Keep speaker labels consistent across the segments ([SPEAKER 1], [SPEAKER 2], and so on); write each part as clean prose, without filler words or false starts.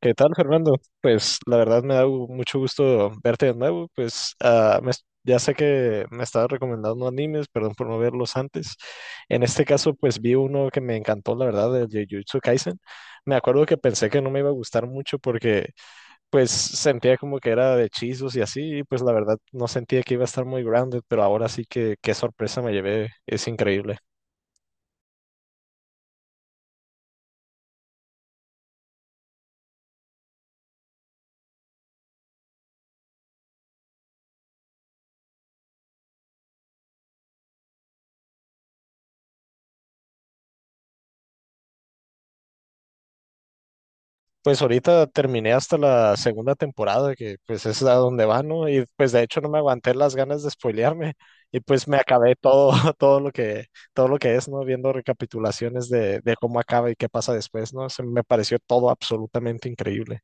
[SPEAKER 1] ¿Qué tal, Fernando? Pues la verdad me da mucho gusto verte de nuevo. Pues ya sé que me estabas recomendando animes, perdón por no verlos antes. En este caso, pues vi uno que me encantó, la verdad, de Jujutsu Kaisen. Me acuerdo que pensé que no me iba a gustar mucho porque pues sentía como que era de hechizos y así, y pues la verdad no sentía que iba a estar muy grounded, pero ahora sí que qué sorpresa me llevé, es increíble. Pues ahorita terminé hasta la segunda temporada, que pues es a donde va, ¿no? Y pues de hecho no me aguanté las ganas de spoilearme y pues me acabé todo, todo lo que, todo lo que es, ¿no? Viendo recapitulaciones de cómo acaba y qué pasa después, ¿no? Se me pareció todo absolutamente increíble.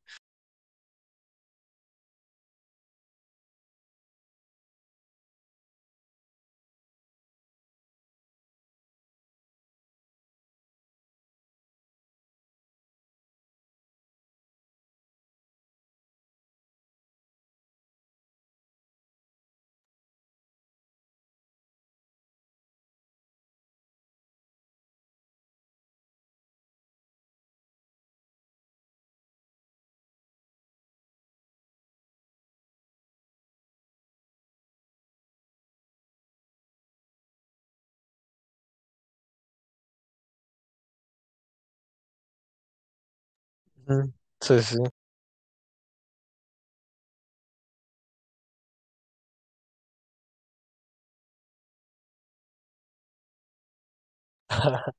[SPEAKER 1] Ujú. Sí, sí.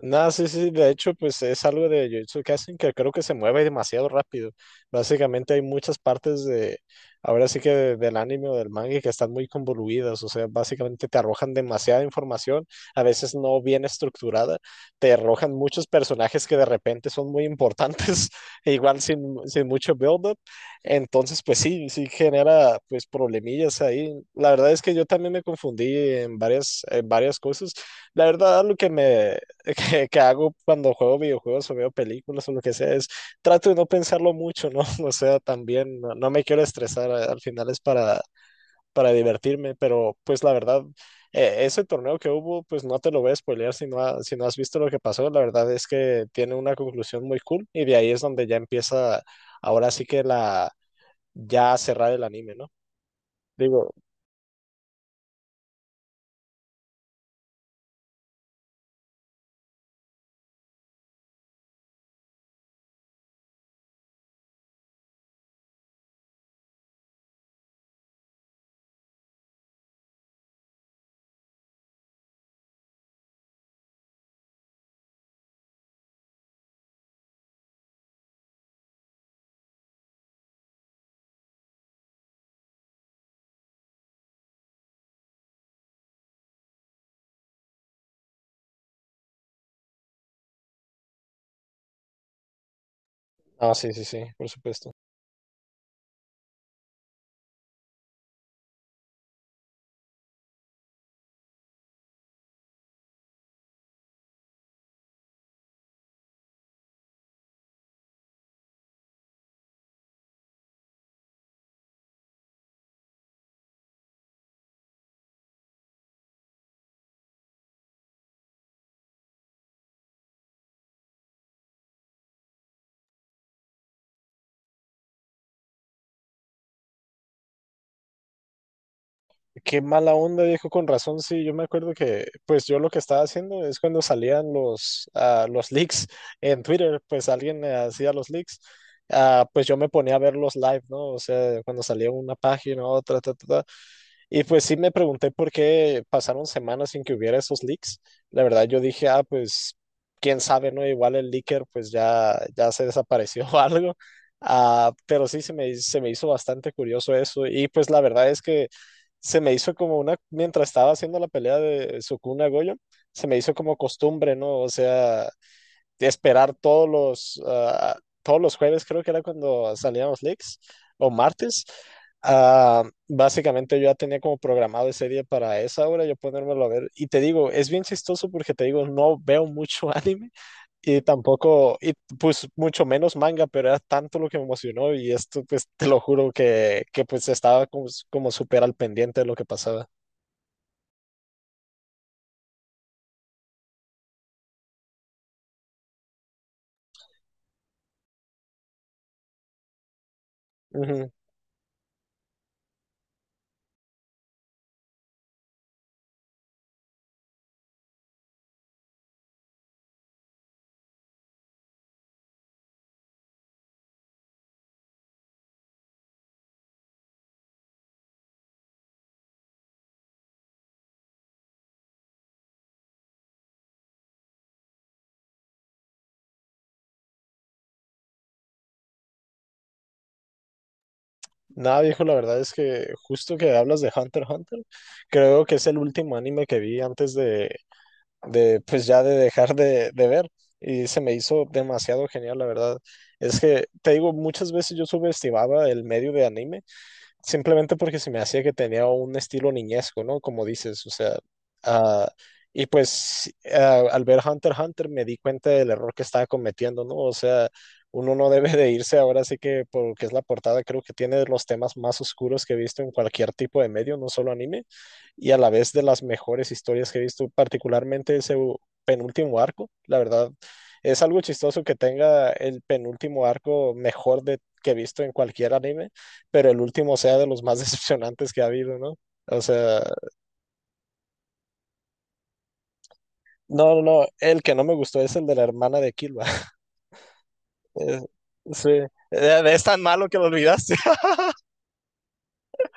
[SPEAKER 1] Nada, sí, sí, de hecho, pues es algo de Jujutsu Kaisen que creo que se mueve demasiado rápido. Básicamente hay muchas partes ahora sí que del anime o del manga que están muy convoluidas, o sea, básicamente te arrojan demasiada información, a veces no bien estructurada, te arrojan muchos personajes que de repente son muy importantes, e igual sin mucho build-up. Entonces, pues sí, sí genera pues problemillas ahí. La verdad es que yo también me confundí en varias cosas. La verdad, lo que que hago cuando juego videojuegos o veo películas o lo que sea, es trato de no pensarlo mucho, ¿no? O sea, también no me quiero estresar, al final es para divertirme, pero pues la verdad, ese torneo que hubo, pues no te lo voy a spoilear si no has visto lo que pasó. La verdad es que tiene una conclusión muy cool, y de ahí es donde ya empieza ahora sí que ya a cerrar el anime, ¿no? Digo, sí, sí, sí, por supuesto. Qué mala onda, dijo con razón. Sí, yo me acuerdo que, pues yo lo que estaba haciendo es cuando salían los leaks en Twitter, pues alguien hacía los leaks, pues yo me ponía a ver los live, ¿no? O sea, cuando salía una página, otra, ta, ta, ta. Y pues sí me pregunté por qué pasaron semanas sin que hubiera esos leaks. La verdad yo dije, pues quién sabe, ¿no? Igual el leaker pues ya se desapareció o algo. Pero sí se me hizo bastante curioso eso. Y pues la verdad es que se me hizo como una... Mientras estaba haciendo la pelea de Sukuna Goyo, se me hizo como costumbre, ¿no? O sea, de esperar todos los, ah, todos los jueves, creo que era cuando salían los leaks, o martes. Básicamente yo ya tenía como programado ese día para esa hora, yo ponérmelo a ver. Y te digo, es bien chistoso porque te digo, no veo mucho anime y tampoco, y pues mucho menos manga, pero era tanto lo que me emocionó y esto, pues te lo juro que pues estaba como súper al pendiente de lo que pasaba. Ujú. Nada, viejo, la verdad es que justo que hablas de Hunter x Hunter, creo que es el último anime que vi antes de pues ya de dejar de ver, y se me hizo demasiado genial, la verdad. Es que, te digo, muchas veces yo subestimaba el medio de anime simplemente porque se me hacía que tenía un estilo niñesco, ¿no? Como dices, o sea, ah, y pues al ver Hunter x Hunter me di cuenta del error que estaba cometiendo, ¿no? O sea, uno no debe de irse ahora sí que porque es la portada. Creo que tiene de los temas más oscuros que he visto en cualquier tipo de medio, no solo anime, y a la vez de las mejores historias que he visto, particularmente ese penúltimo arco, la verdad. Es algo chistoso que tenga el penúltimo arco mejor de, que he visto en cualquier anime, pero el último sea de los más decepcionantes que ha habido, ¿no? O sea, no, no, no, el que no me gustó es el de la hermana de Kilba. Es- Sí, es tan malo que lo olvidaste.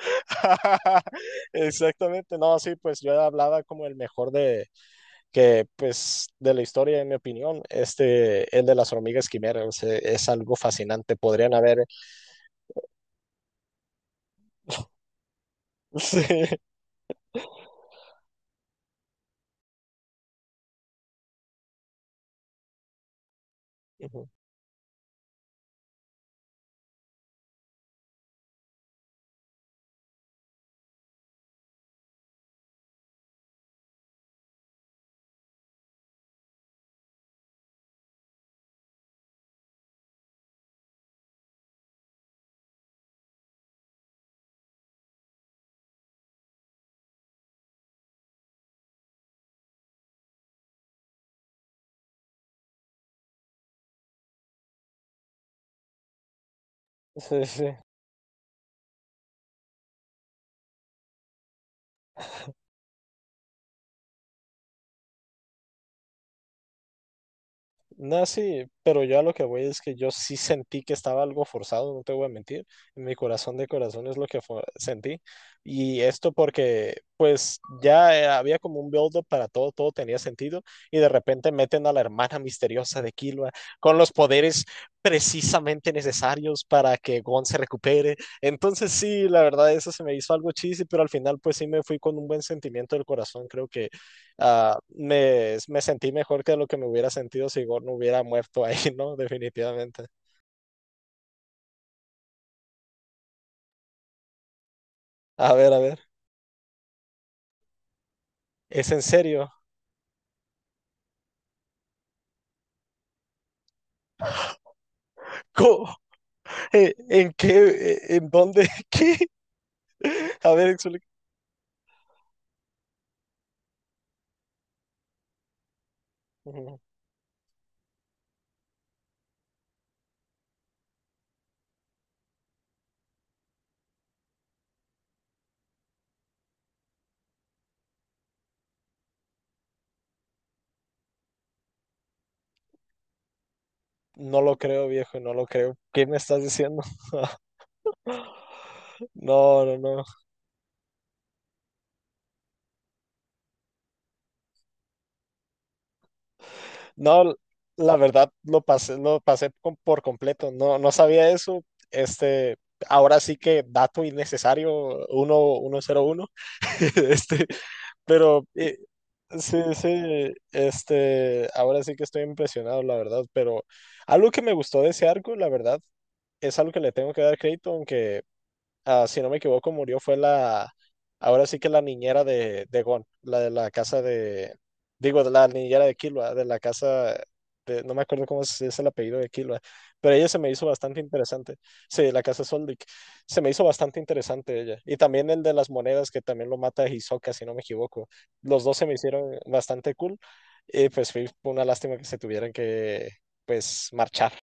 [SPEAKER 1] Exactamente, no, sí, pues yo hablaba como el mejor de que, pues, de la historia, en mi opinión, este, el de las hormigas quimeras, es algo fascinante. Podrían haber... Sí. Ujú. Sí, sí. No, sí, pero yo a lo que voy es que yo sí sentí que estaba algo forzado, no te voy a mentir. En mi corazón de corazón es lo que sentí. Y esto porque, pues, ya había como un build-up para todo, todo tenía sentido. Y de repente meten a la hermana misteriosa de Killua con los poderes precisamente necesarios para que Gon se recupere. Entonces, sí, la verdad, eso se me hizo algo cheesy, pero al final, pues, sí me fui con un buen sentimiento del corazón. Creo que me sentí mejor que lo que me hubiera sentido si Gord no hubiera muerto ahí, ¿no? Definitivamente. A ver, a ver. ¿Es en serio? ¿Cómo? ¿En qué? ¿En dónde? ¿Qué? A ver, explica. Ujú. No lo creo, viejo, no lo creo. ¿Qué me estás diciendo? No, no, no. No, la verdad lo pasé por completo. No, no sabía eso. Este, ahora sí que dato innecesario, 101. Este, pero sí, sí, este, ahora sí que estoy impresionado, la verdad, pero algo que me gustó de ese arco, la verdad, es algo que le tengo que dar crédito, aunque si no me equivoco, murió fue ahora sí que la niñera de Gon, la de la casa de, digo, de la niñera de Killua, de la casa, de, no me acuerdo cómo es el apellido de Killua, pero ella se me hizo bastante interesante. Sí, la casa Soldic, se me hizo bastante interesante ella. Y también el de las monedas, que también lo mata Hisoka, si no me equivoco. Los dos se me hicieron bastante cool. Y pues fue una lástima que se tuvieran que, pues, marchar.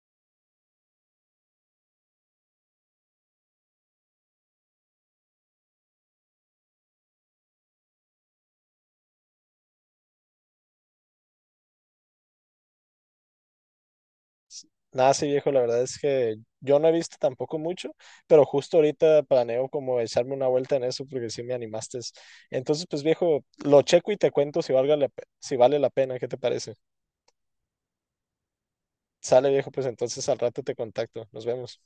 [SPEAKER 1] Nada, sí, viejo, la verdad es que yo no he visto tampoco mucho, pero justo ahorita planeo como echarme una vuelta en eso porque sí me animaste. Entonces, pues viejo, lo checo y te cuento si vale la pena, ¿qué te parece? Sale, viejo, pues entonces al rato te contacto. Nos vemos.